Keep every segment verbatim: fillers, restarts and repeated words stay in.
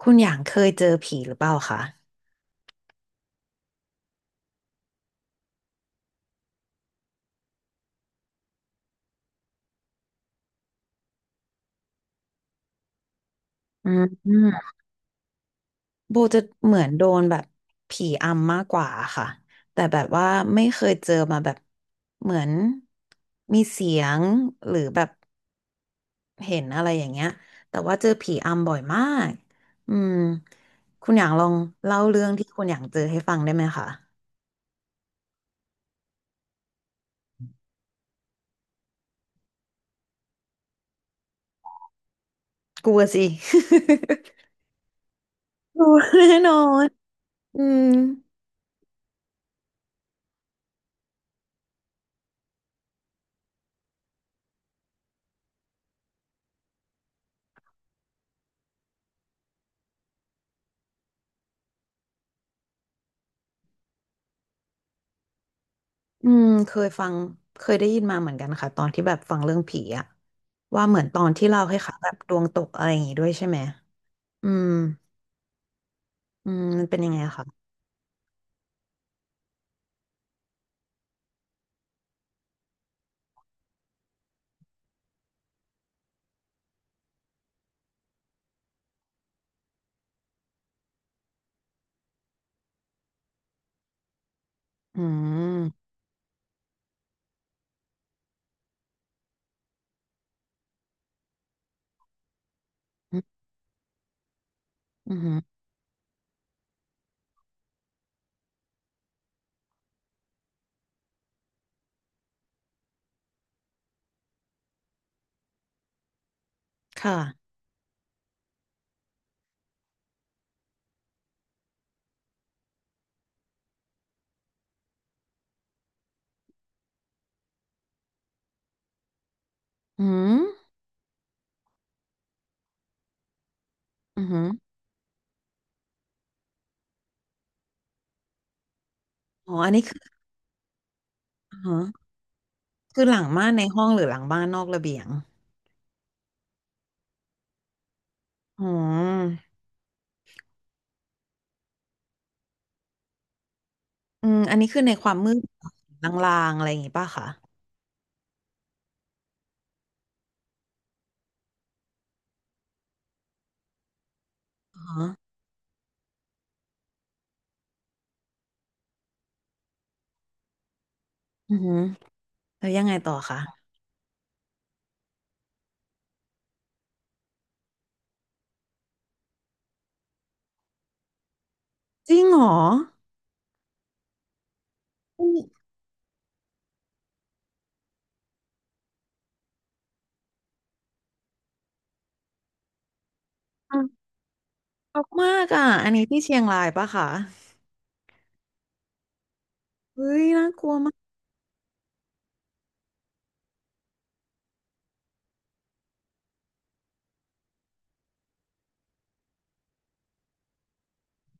คุณอย่างเคยเจอผีหรือเปล่าคะอืมอืมโบจะเหมือนโดนแบบผีอำมากกว่าค่ะแต่แบบว่าไม่เคยเจอมาแบบเหมือนมีเสียงหรือแบบเห็นอะไรอย่างเงี้ยแต่ว่าเจอผีอำบ่อยมากอืมคุณอย่างลองเล่าเรื่องที่คุณอย่างเจอให้ฟังได้ไหมคะกลัวสิ กลัวแน่นอนอืม อืมเคยฟังเคยได้ยินมาเหมือนกันค่ะตอนที่แบบฟังเรื่องผีอะว่าเหมือนตอนที่เล่าให้ค่ะแบบดวงตกอะไรอย่างงี้ด้วยใช่ไหมอืมอืมมันเป็นยังไงอะคะอืมอืมอืมค่ะอืมอืมอ๋ออันนี้คืออ๋อคือหลังม่านในห้องหรือหลังบ้านนอกระเบียงอ๋ออืมอันนี้คือในความมืดลางๆอะไรอย่างงี้ป่ะคะอ๋ออืมแล้วยังไงต่อคะจริงเหรออืมช็อกมากอ่ะอันนี้ที่เชียงรายป่ะคะ เฮ้ยน่ากลัวมาก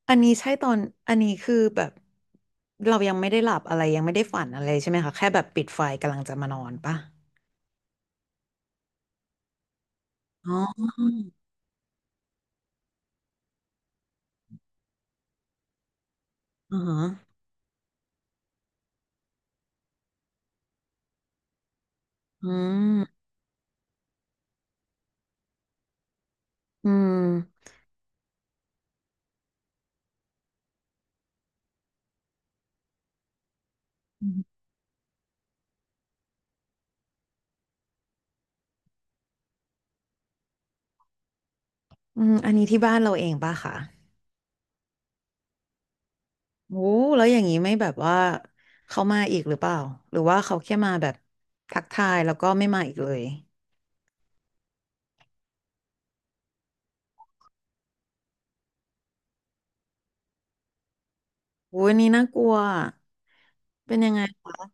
อันนี้ใช่ตอนอันนี้คือแบบเรายังไม่ได้หลับอะไรยังไม่ได้ฝันอะไรใช่ไหมคะแค่แบบปิดไฟกำลังจะมานอนปะอ๋ออ๋ออืมอืมอืมอืมอันนี้ที่บ้านเราเองปะคะโอ้แล้วอย่างนี้ไม่แบบว่าเขามาอีกหรือเปล่าหรือว่าเขาแค่มาแบบทักทายแล้วก็ไม่มาอีกเลยโอ้ยอันนี้น่ากลัวเป็นยังไงคะ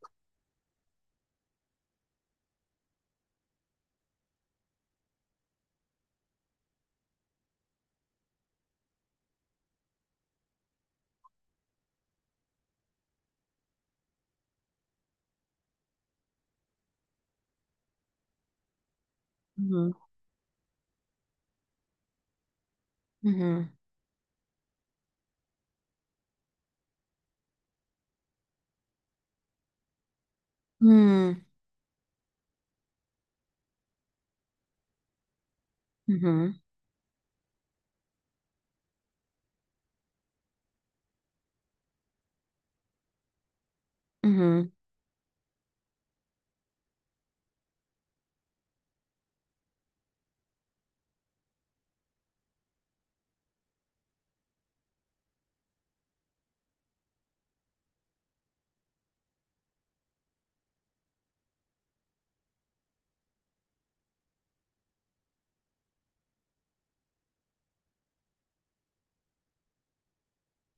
อืมอหืมออืมอืมอืมอืม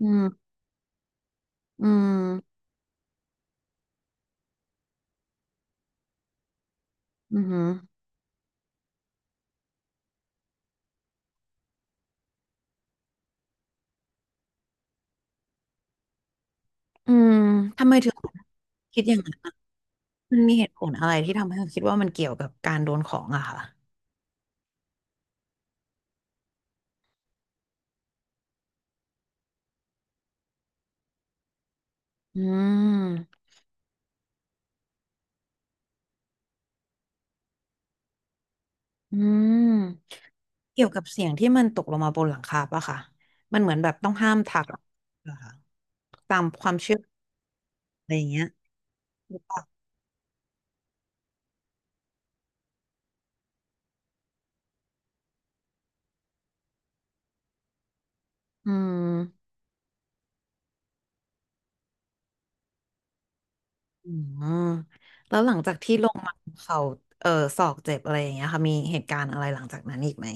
อืมอืม อือหืออืมทำไมถึงคิดอย่างนั้นอะมันมีเหตุผลอะไรที่ทำให้เราคิดว่ามันเกี่ยวกับการโดนของอะค่ะอืมอืมเกี่ยวกับเสียงที่มันตกลงมาบนหลังคาปะค่ะมันเหมือนแบบต้องห้ามทักเหรอคะตามความเชื่ออะไรอย่างเงี้ยอืมอืมแล้วหลังจากที่ลงมาเขาเออศอกเจ็บอะไรอย่างเงี้ยค่ะมีเหตุการณ์อะไรหลังจากนั้นอีกไหม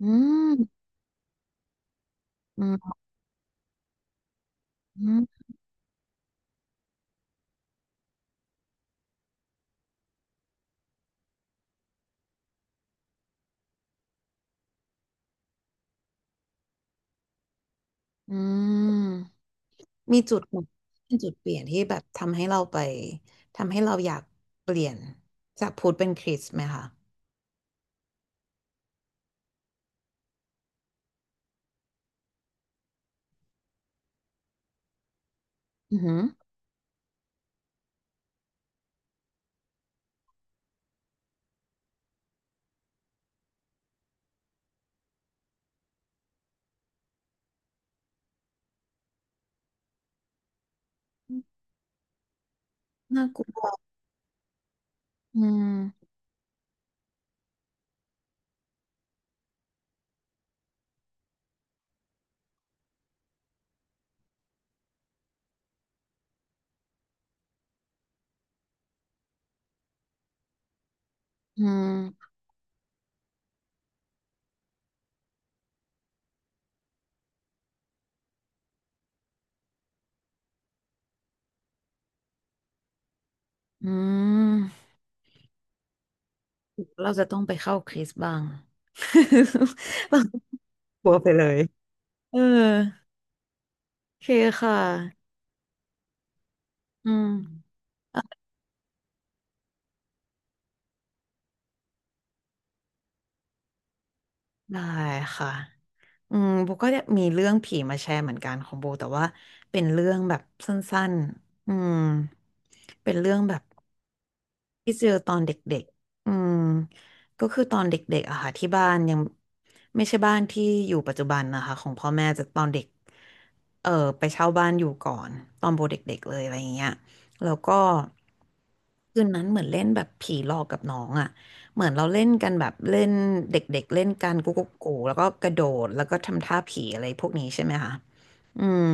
อืมอืมอืม มีจุดแบบเป็นจุดเปลี่ยนที่แบบทำให้เราไปทำให้เราอยากเปลี่ยนจากพุทธเป็นคริสต์ไหมคะอือหือน่ากลัวอืมอืมอืมเราจะต้องไปเข้าคริสต์บ้าง เรากลัวไปเลยเออโอเคค่ะอืมได้ค่ะอืมโบก็เนี่ยมีเรื่องผีมาแชร์เหมือนกันของโบแต่ว่าเป็นเรื่องแบบสั้นๆอืมเป็นเรื่องแบบ ที่เจอตอนเด็กๆอืมก็คือตอนเด็กๆอะค่ะที่บ้านยังไม่ใช่บ้านที่อยู่ปัจจุบันนะคะของพ่อแม่จะตอนเด็กเออไปเช่าบ้านอยู่ก่อนตอนโบเด็กๆเลยอะไรอย่างเงี้ยแล้วก็คืนนั้นเหมือนเล่นแบบผีหลอกกับน้องอะเหมือนเราเล่นกันแบบเล่นเด็กๆเล่นกันกุ๊กกุ๊กกูแล้วก็กระโดดแล้วก็ทำท่าผีอะไรพวกนี้ใช่ไหมคะอืม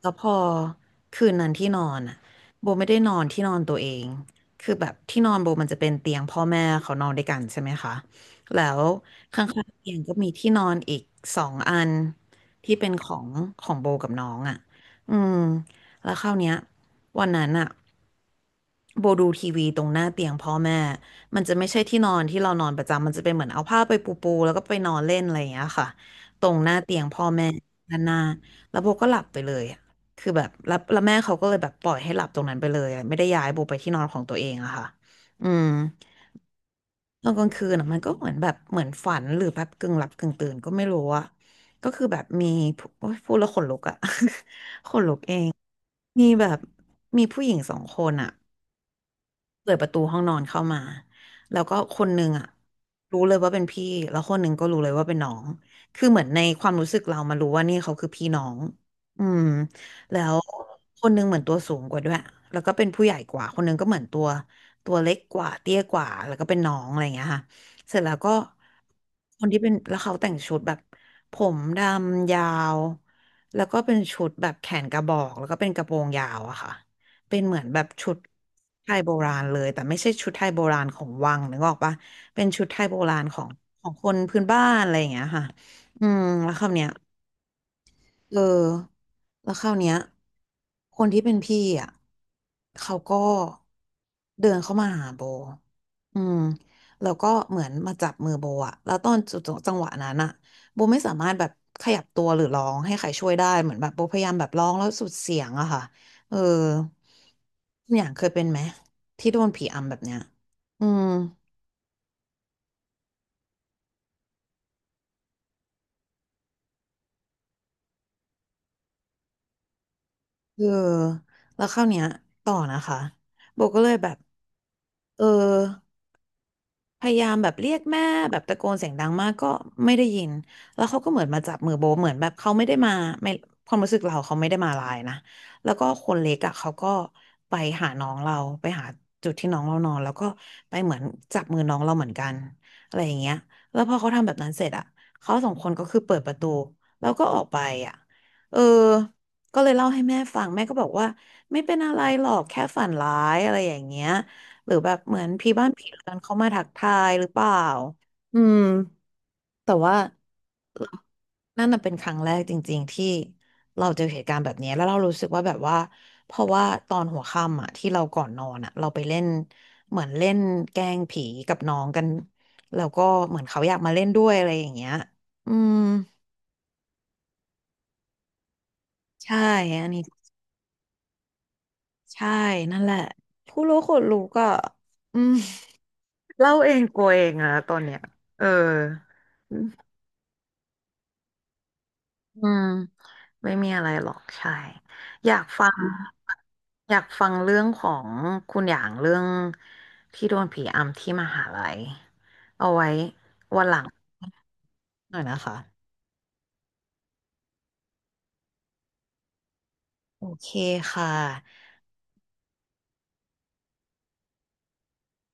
แล้วพอคืนนั้นที่นอนอ่ะโบไม่ได้นอนที่นอนตัวเองคือแบบที่นอนโบมันจะเป็นเตียงพ่อแม่เขานอนด้วยกันใช่ไหมคะแล้วข้างๆเตียงก็มีที่นอนอีกสองอันที่เป็นของของโบกับน้องอ่ะอืมแล้วคราวเนี้ยวันนั้นอ่ะโบดูทีวีตรงหน้าเตียงพ่อแม่มันจะไม่ใช่ที่นอนที่เรานอนประจำมันจะเป็นเหมือนเอาผ้าไปปูปูแล้วก็ไปนอนเล่นอะไรอย่างเงี้ยค่ะตรงหน้าเตียงพ่อแม่ด้านหน้าแล้วโบก็หลับไปเลย คือแบบแล้วแล้วแม่เขาก็เลยแบบปล่อยให้หลับตรงนั้นไปเลยอะไม่ได้ย้ายโบไปที่นอนของตัวเองอะค่ะอืมตอนกลางคืนอะมันก็เหมือนแบบเหมือนฝันหรือแบบกึ่งหลับกึ่งตื่นก็ไม่รู้อะก็คือแบบมีผู้โอ๊ยพูดแล้วขนลุกอะ ขนลุกเองมีแบบมีผู้หญิงสองคนอะ เปิดประตูห้องนอนเข้ามาแล้วก็คนหนึ่งอ่ะรู้เลยว่าเป็นพี่แล้วคนหนึ่งก็รู้เลยว่าเป็นน้องคือเหมือนในความรู้สึกเรามารู้ว่านี่เขาคือพี่น้องอืมแล้วคนหนึงเหมือนตัวสูงกว่าด้วยแล้วก็เป็นผู้ใหญ่กว่าคนหนึงก็เหมือนตัวตัวเล็กกว่าเตี้ยกว่าแล้วก็เป็นน้องอะไรอย่างเงี้ยค่ะเสร็จแล้วก็คนที่เป็นแล้วเขาแต่งชุดแบบผมดำยาวแล้วก็เป็นชุดแบบแขนกระบอกแล้วก็เป็นกระโปรงยาวอะค่ะ เป็นเหมือนแบบชุดไทยโบราณเลยแต่ไม่ใช่ชุดไทยโบราณของวังนึกออกปะเป็นชุดไทยโบราณของของคนพื้นบ้านอะไรอย่างเงี้ยค่ะอืมแล้วคำเนี้ย เออแล้วคราวเนี้ยคนที่เป็นพี่อ่ะเขาก็เดินเข้ามาหาโบอืมแล้วก็เหมือนมาจับมือโบอ่ะแล้วตอนจุดจังหวะนั้นอ่ะโบไม่สามารถแบบขยับตัวหรือร้องให้ใครช่วยได้เหมือนแบบโบพยายามแบบร้องแล้วสุดเสียงอะค่ะเออคุณอย่างเคยเป็นไหมที่โดนผีอำแบบเนี้ยอืมเออแล้วคราวเนี้ยต่อนะคะโบก็เลยแบบเออ พยายามแบบเรียกแม่แบบตะโกนเสียงดังมากก็ไม่ได้ยินแล้วเขาก็เหมือนมาจับมือโบเหมือนแบบเขาไม่ได้มาไม่ความรู้สึกเราเขาไม่ได้มาลายนะแล้วก็คนเล็กอ่ะเขาก็ไปหาน้องเราไปหาจุดที่น้องเรานอนแล้วก็ไปเหมือนจับมือน้องเราเหมือนกันอะไรอย่างเงี้ยแล้วพอเขาทำแบบนั้นเสร็จอ่ะเขาสองคนก็คือเปิดประตูแล้วก็ออกไปอ่ะเออก็เลยเล่าให้แม่ฟังแม่ก็บอกว่าไม่เป็นอะไรหรอกแค่ฝันร้ายอะไรอย่างเงี้ย หรือแบบเหมือนพี่บ้านพี่เรือนเขามาทักทายหรือเปล่าอืมแต่ว่านั่นน่ะเป็นครั้งแรกจริงๆที่เราเจอเหตุการณ์แบบนี้แล้วเรารู้สึกว่าแบบว่าเพราะว่าตอนหัวค่ำอ่ะที่เราก่อนนอนอ่ะเราไปเล่นเหมือนเล่นแกล้งผีกับน้องกันแล้วก็เหมือนเขาอยากมาเล่นด้วยอะไรอย่างเงี้ยอืมใช่อันนี้ใช่นั่นแหละผู้รู้คนรู้ก็อืมเล่าเองกลัวเองนะตอนเนี้ยเออ อืมไม่มีอะไรหรอกใช่อยากฟังอยากฟังเรื่องของคุณอย่างเรื่องที่โดนผีอำที่มหาลัยเอาไว้วันหลังหน่อยนะคะโอเคค่ะ